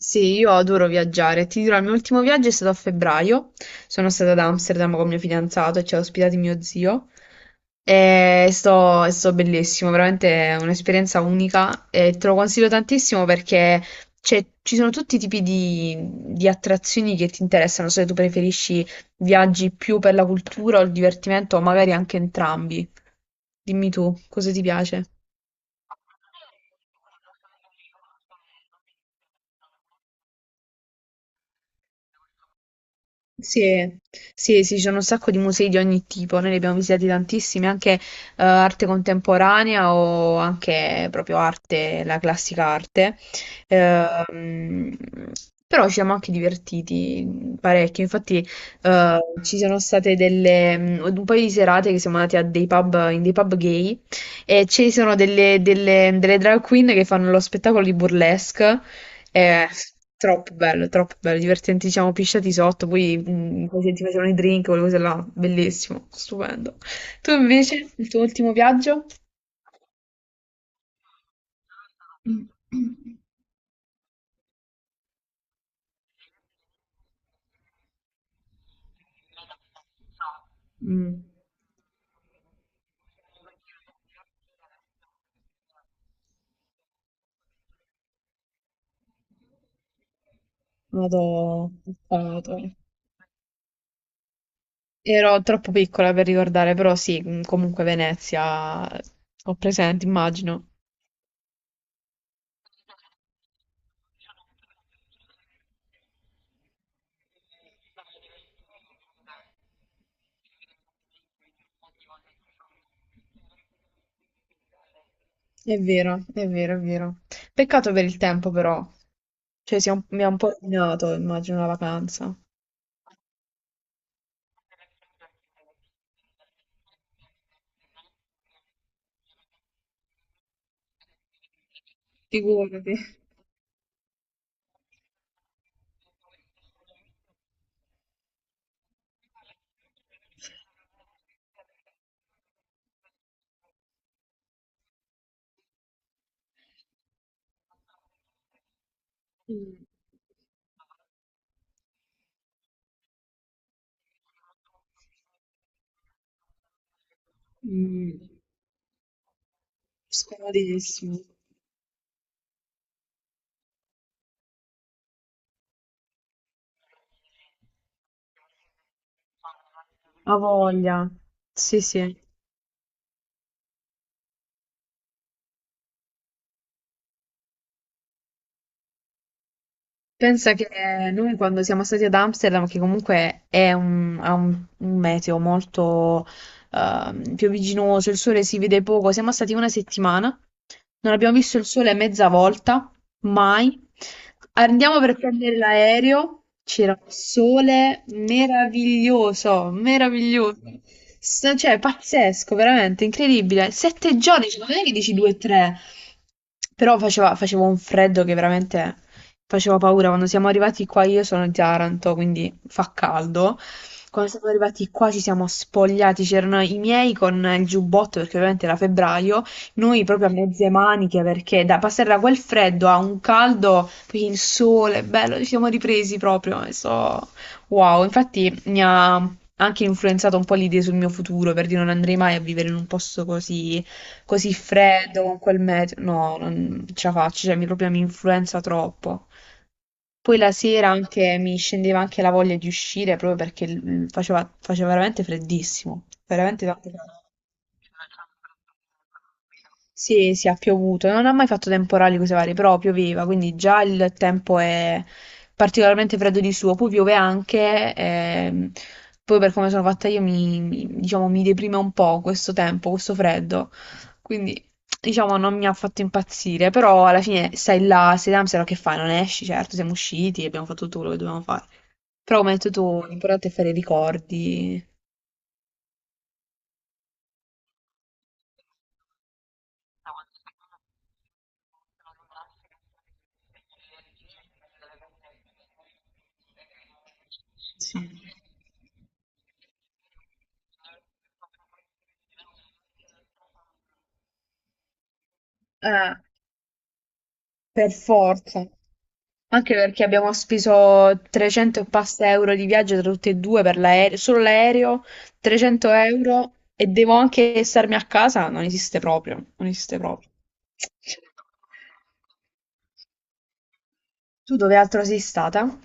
Sì, io adoro viaggiare. Ti dirò, il mio ultimo viaggio è stato a febbraio. Sono stata ad Amsterdam con mio fidanzato e ci ha ospitati mio zio. È stato bellissimo, veramente è un'esperienza unica e te lo consiglio tantissimo perché ci sono tutti i tipi di attrazioni che ti interessano, se tu preferisci viaggi più per la cultura o il divertimento, o magari anche entrambi. Dimmi tu, cosa ti piace? Sì, sì, sì, ci sono un sacco di musei di ogni tipo, noi ne abbiamo visitati tantissimi, anche arte contemporanea o anche proprio arte, la classica arte. Ehm, Però ci siamo anche divertiti parecchio, infatti ci sono state un paio di serate che siamo andati a dei pub, in dei pub gay e ci sono delle drag queen che fanno lo spettacolo di burlesque, eh, troppo bello, divertenti, ci siamo pisciati sotto, poi poi ti facevano i drink, quelle cose là, bellissimo, stupendo. Tu invece, il tuo ultimo viaggio? Mm. Vado, vado. Ero troppo piccola per ricordare, però sì, comunque Venezia, ho presente, immagino. È vero, è vero, è vero. Peccato per il tempo, però. Cioè, si è mi ha un po' rovinato, immagino, la vacanza. Figurati. Mm. Mm. Scomodatissimo. Ha voglia. Sì, sì. Pensa che noi quando siamo stati ad Amsterdam, che comunque ha un meteo molto piombiginoso, il sole si vede poco, siamo stati una settimana, non abbiamo visto il sole mezza volta, mai. Andiamo per prendere l'aereo, c'era un sole meraviglioso, meraviglioso, cioè pazzesco, veramente incredibile. Sette giorni, cioè, non è che dici due o tre, però faceva un freddo che veramente faceva paura. Quando siamo arrivati qua, io sono di Taranto, quindi fa caldo. Quando siamo arrivati qua ci siamo spogliati, c'erano i miei con il giubbotto perché ovviamente era febbraio, noi proprio a mezze maniche perché da passare da quel freddo a un caldo, poi il sole, bello, ci siamo ripresi proprio, e so, wow, infatti mi ha anche influenzato un po' l'idea sul mio futuro, per dire non andrei mai a vivere in un posto così, così freddo, con quel meteo, no, non ce la faccio, cioè mi proprio mi influenza troppo. Poi la sera anche mi scendeva anche la voglia di uscire proprio perché faceva veramente freddissimo, veramente tanto. Sì, sì, ha piovuto, non ha mai fatto temporali cose varie, però pioveva, quindi già il tempo è particolarmente freddo di suo, poi piove anche, poi per come sono fatta io diciamo, mi deprime un po' questo tempo, questo freddo, quindi diciamo non mi ha fatto impazzire, però alla fine stai là, sei da Amsterdam, che fai? Non esci, certo, siamo usciti, abbiamo fatto tutto quello che dovevamo fare, però come hai detto tu, l'importante è fare i ricordi. Sì. Eh, per forza. Anche perché abbiamo speso 300 e passa euro di viaggio tra tutti e due per l'aereo, solo l'aereo, 300 € e devo anche starmi a casa, non esiste proprio, non esiste proprio. Tu dove altro sei stata?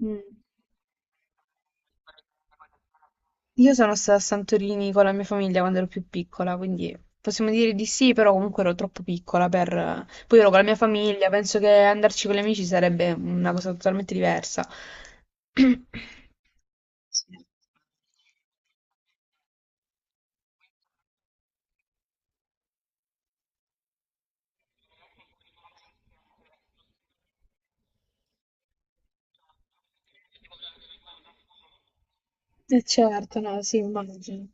Mm. Io sono stata a Santorini con la mia famiglia quando ero più piccola, quindi possiamo dire di sì, però comunque ero troppo piccola per... Poi ero con la mia famiglia, penso che andarci con gli amici sarebbe una cosa totalmente diversa. Sì. Eh certo, no, sì, immagino.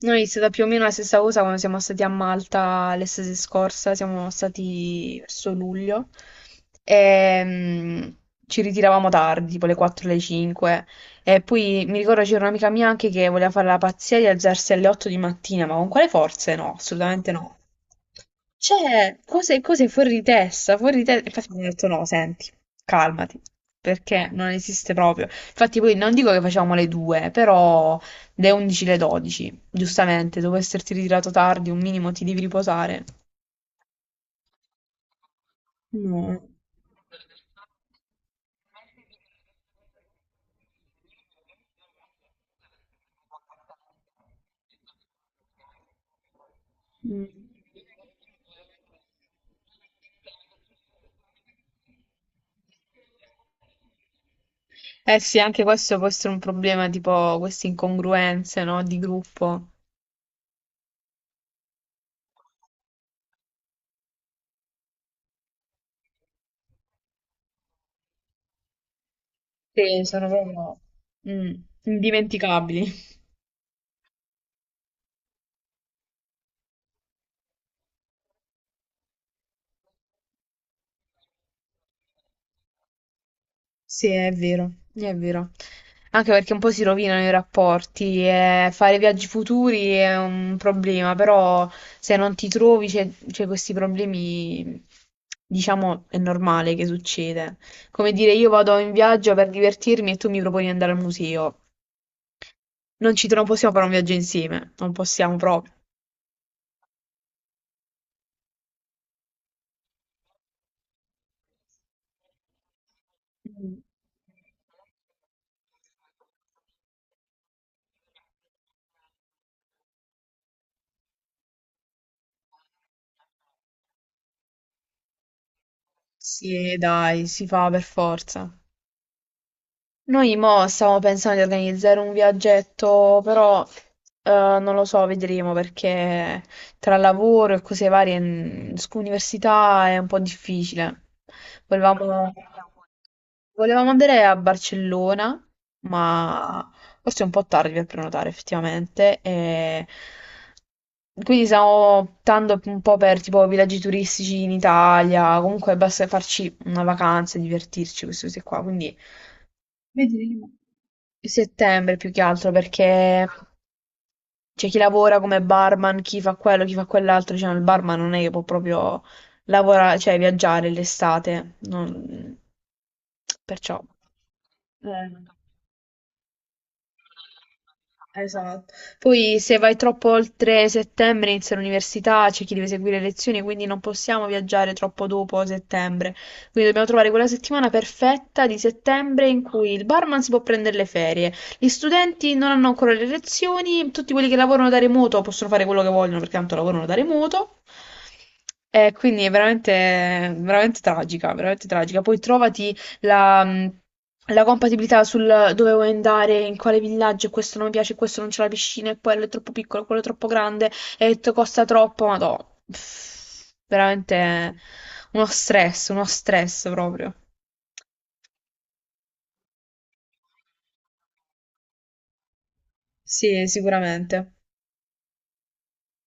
Noi è stata più o meno la stessa cosa quando siamo stati a Malta l'estate scorsa, siamo stati verso luglio e ci ritiravamo tardi, tipo le 4 le 5 e poi mi ricordo c'era un'amica mia anche che voleva fare la pazzia di alzarsi alle 8 di mattina, ma con quale forze? No, assolutamente no. Cioè, cose, cose fuori di testa, fuori di testa. Infatti mi hanno detto no, senti, calmati, perché non esiste proprio. Infatti poi non dico che facevamo le due, però le 11, le 12, giustamente, dopo esserti ritirato tardi, un minimo ti devi riposare. No. Mm. Eh sì, anche questo può essere un problema, tipo queste incongruenze, no, di gruppo. Sì, sono proprio. Mm. Indimenticabili. Sì, è vero, è vero. Anche perché un po' si rovinano i rapporti e fare viaggi futuri è un problema, però se non ti trovi c'è questi problemi, diciamo, è normale che succeda. Come dire, io vado in viaggio per divertirmi e tu mi proponi di andare al museo. Non ci tro- Non possiamo fare un viaggio insieme, non possiamo proprio. Mm. Sì, dai, si fa per forza. Noi mo stiamo pensando di organizzare un viaggetto, però eh, non lo so, vedremo perché tra lavoro e cose varie, università è un po' difficile. Volevamo, volevamo andare a Barcellona, ma forse è un po' tardi per prenotare effettivamente. E quindi stiamo optando un po' per tipo villaggi turistici in Italia, comunque basta farci una vacanza e divertirci, queste cose qua. Quindi. Vedremo. Settembre più che altro perché c'è chi lavora come barman, chi fa quello, chi fa quell'altro, cioè il barman non è che può proprio lavorare, cioè viaggiare l'estate, perciò. Eh. Esatto. Poi se vai troppo oltre settembre inizia l'università, c'è chi deve seguire le lezioni, quindi non possiamo viaggiare troppo dopo settembre. Quindi dobbiamo trovare quella settimana perfetta di settembre in cui il barman si può prendere le ferie, gli studenti non hanno ancora le lezioni, tutti quelli che lavorano da remoto possono fare quello che vogliono perché tanto lavorano da remoto. E quindi è veramente, veramente tragica, veramente tragica. Poi trovati la, mm, la compatibilità sul dove vuoi andare, in quale villaggio, questo non mi piace, questo non c'è la piscina, e quello è troppo piccolo, quello è troppo grande, e costa troppo, ma no, pff, veramente uno stress proprio. Sì, sicuramente.